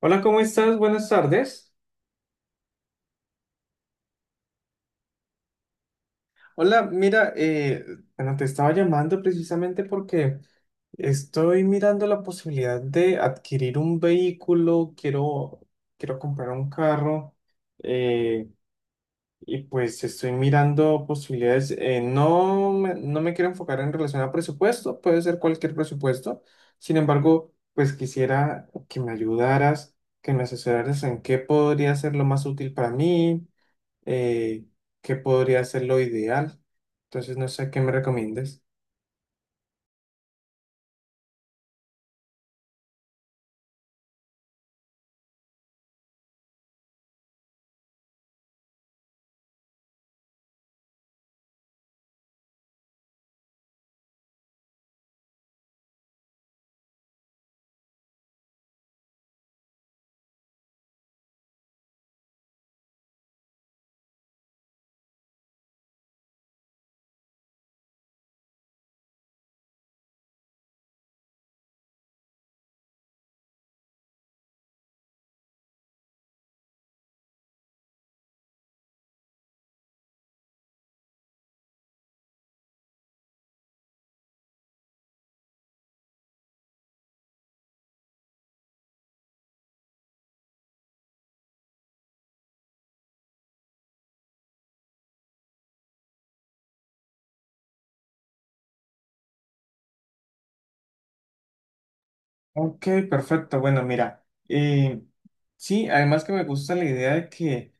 Hola, ¿cómo estás? Buenas tardes. Hola, mira, bueno, te estaba llamando precisamente porque estoy mirando la posibilidad de adquirir un vehículo, quiero comprar un carro eh, y pues estoy mirando posibilidades. No me quiero enfocar en relación a presupuesto, puede ser cualquier presupuesto. Sin embargo, pues quisiera que me ayudaras, que me asesoraras en qué podría ser lo más útil para mí, eh, qué podría ser lo ideal. Entonces, no sé qué me recomiendes. Ok, perfecto. Bueno, mira, sí, además que me gusta la idea de que,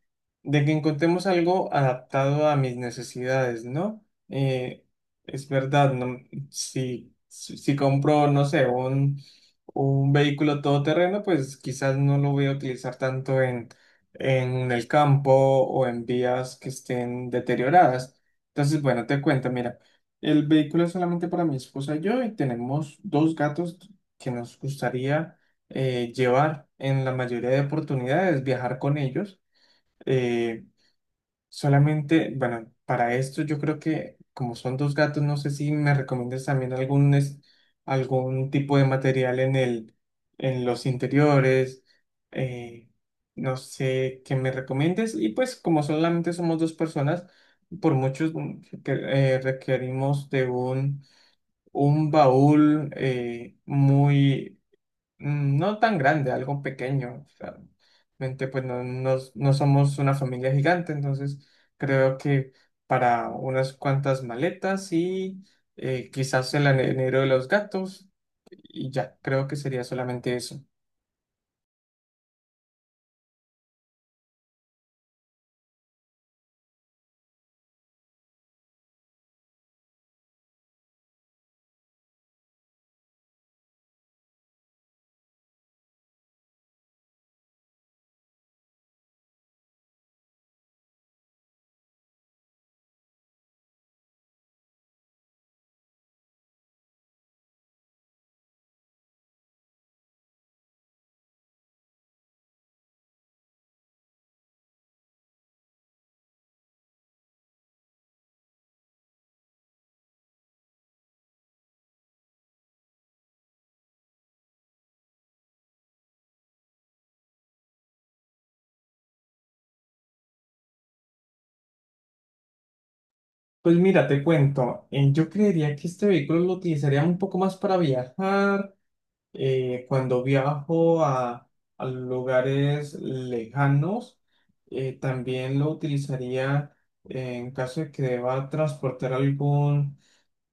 de que encontremos algo adaptado a mis necesidades, ¿no? Eh, es verdad, no, si compro, no sé, un vehículo todoterreno, pues quizás no lo voy a utilizar tanto en el campo o en vías que estén deterioradas. Entonces, bueno, te cuento, mira. El vehículo es solamente para mi esposa y yo, y tenemos dos gatos que nos gustaría llevar en la mayoría de oportunidades, viajar con ellos. Eh, Solamente, bueno, para esto yo creo que como son dos gatos, no sé si me recomiendas también algún tipo de material en los interiores. eh, no sé qué me recomiendes. Y pues como solamente somos dos personas, por muchos requerimos de un baúl muy no tan grande, algo pequeño. O sea, realmente, pues no, no, no somos una familia gigante, entonces creo que para unas cuantas maletas y quizás el anero de los gatos, y ya, creo que sería solamente eso. Pues mira, te cuento, yo creería que este vehículo lo utilizaría un poco más para viajar, cuando viajo a lugares lejanos. También lo utilizaría en caso de que deba transportar algún,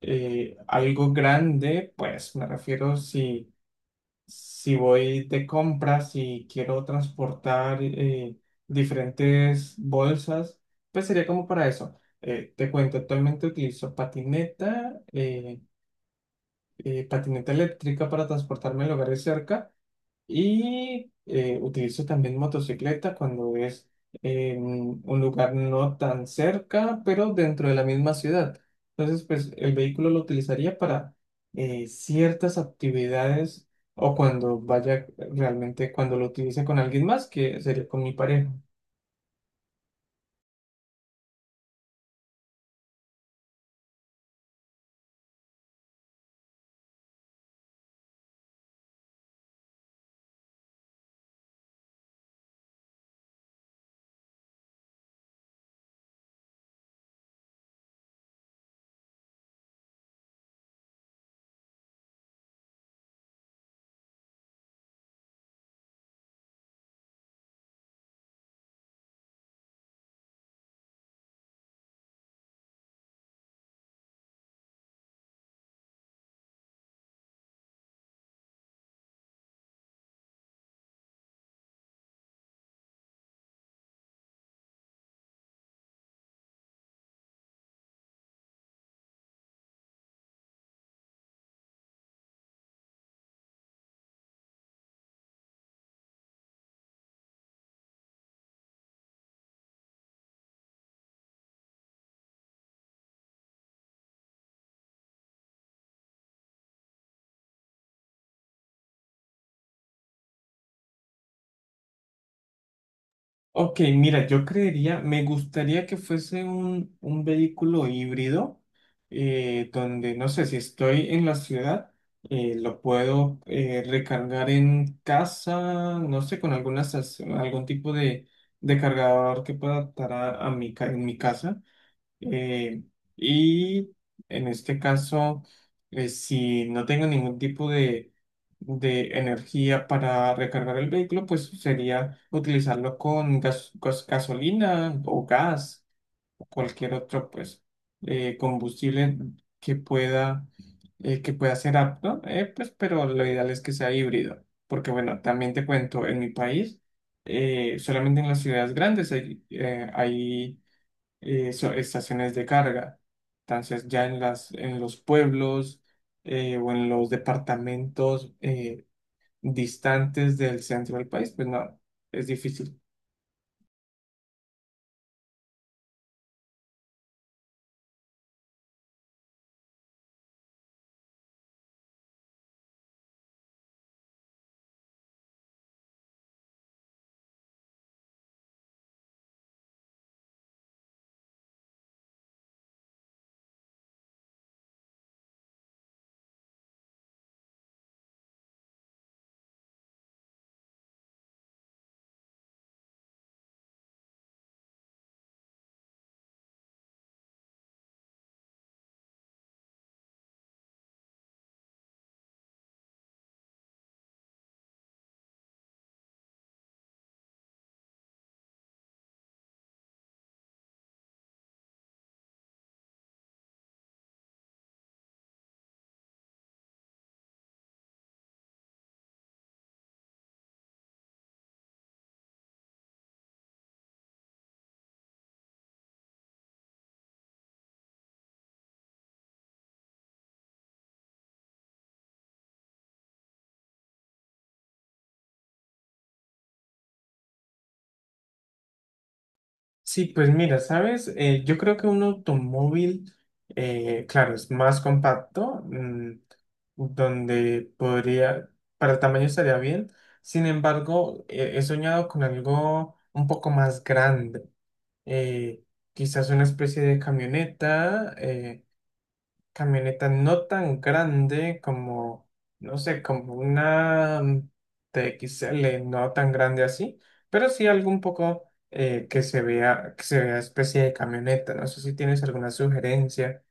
eh, algo grande, pues me refiero, si, si voy de compras y quiero transportar diferentes bolsas, pues sería como para eso. Te cuento, actualmente utilizo patineta, patineta eléctrica para transportarme a lugares cerca, y utilizo también motocicleta cuando es un lugar no tan cerca, pero dentro de la misma ciudad. Entonces, pues el vehículo lo utilizaría para ciertas actividades, o cuando vaya realmente, cuando lo utilice con alguien más, que sería con mi pareja. Ok, mira, yo creería, me gustaría que fuese un vehículo híbrido, donde, no sé, si estoy en la ciudad, lo puedo recargar en casa, no sé, con algún tipo de cargador que pueda adaptar en mi casa. Eh, y en este caso, si no tengo ningún tipo de energía para recargar el vehículo, pues sería utilizarlo con gasolina o gas, o cualquier otro, pues, combustible que pueda ser apto, pues, pero lo ideal es que sea híbrido. Porque bueno, también te cuento, en mi país, solamente en las ciudades grandes estaciones de carga. Entonces, ya en en los pueblos o en los departamentos distantes del centro del país, pues no, es difícil. Sí, pues mira, ¿sabes? Yo creo que un automóvil, claro, es más compacto, donde podría, para el tamaño estaría bien. Sin embargo, he soñado con algo un poco más grande. eh, quizás una especie de camioneta, camioneta no tan grande como, no sé, como una TXL, no tan grande así, pero sí algo un poco que se vea especie de camioneta. No sé si tienes alguna sugerencia.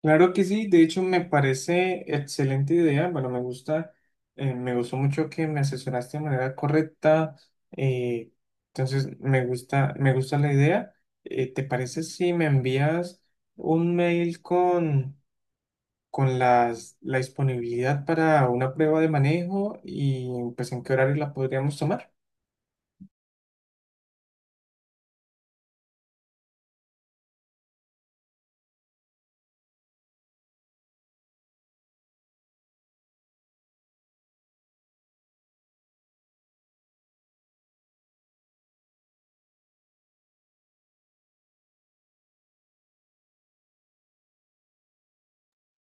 Claro que sí, de hecho me parece excelente idea. Bueno, me gusta, me gustó mucho que me asesoraste de manera correcta. eh, entonces me gusta, la idea. ¿Te parece si me envías un mail con la disponibilidad para una prueba de manejo, y pues en qué horario la podríamos tomar.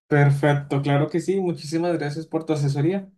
Perfecto, claro que sí. Muchísimas gracias por tu asesoría.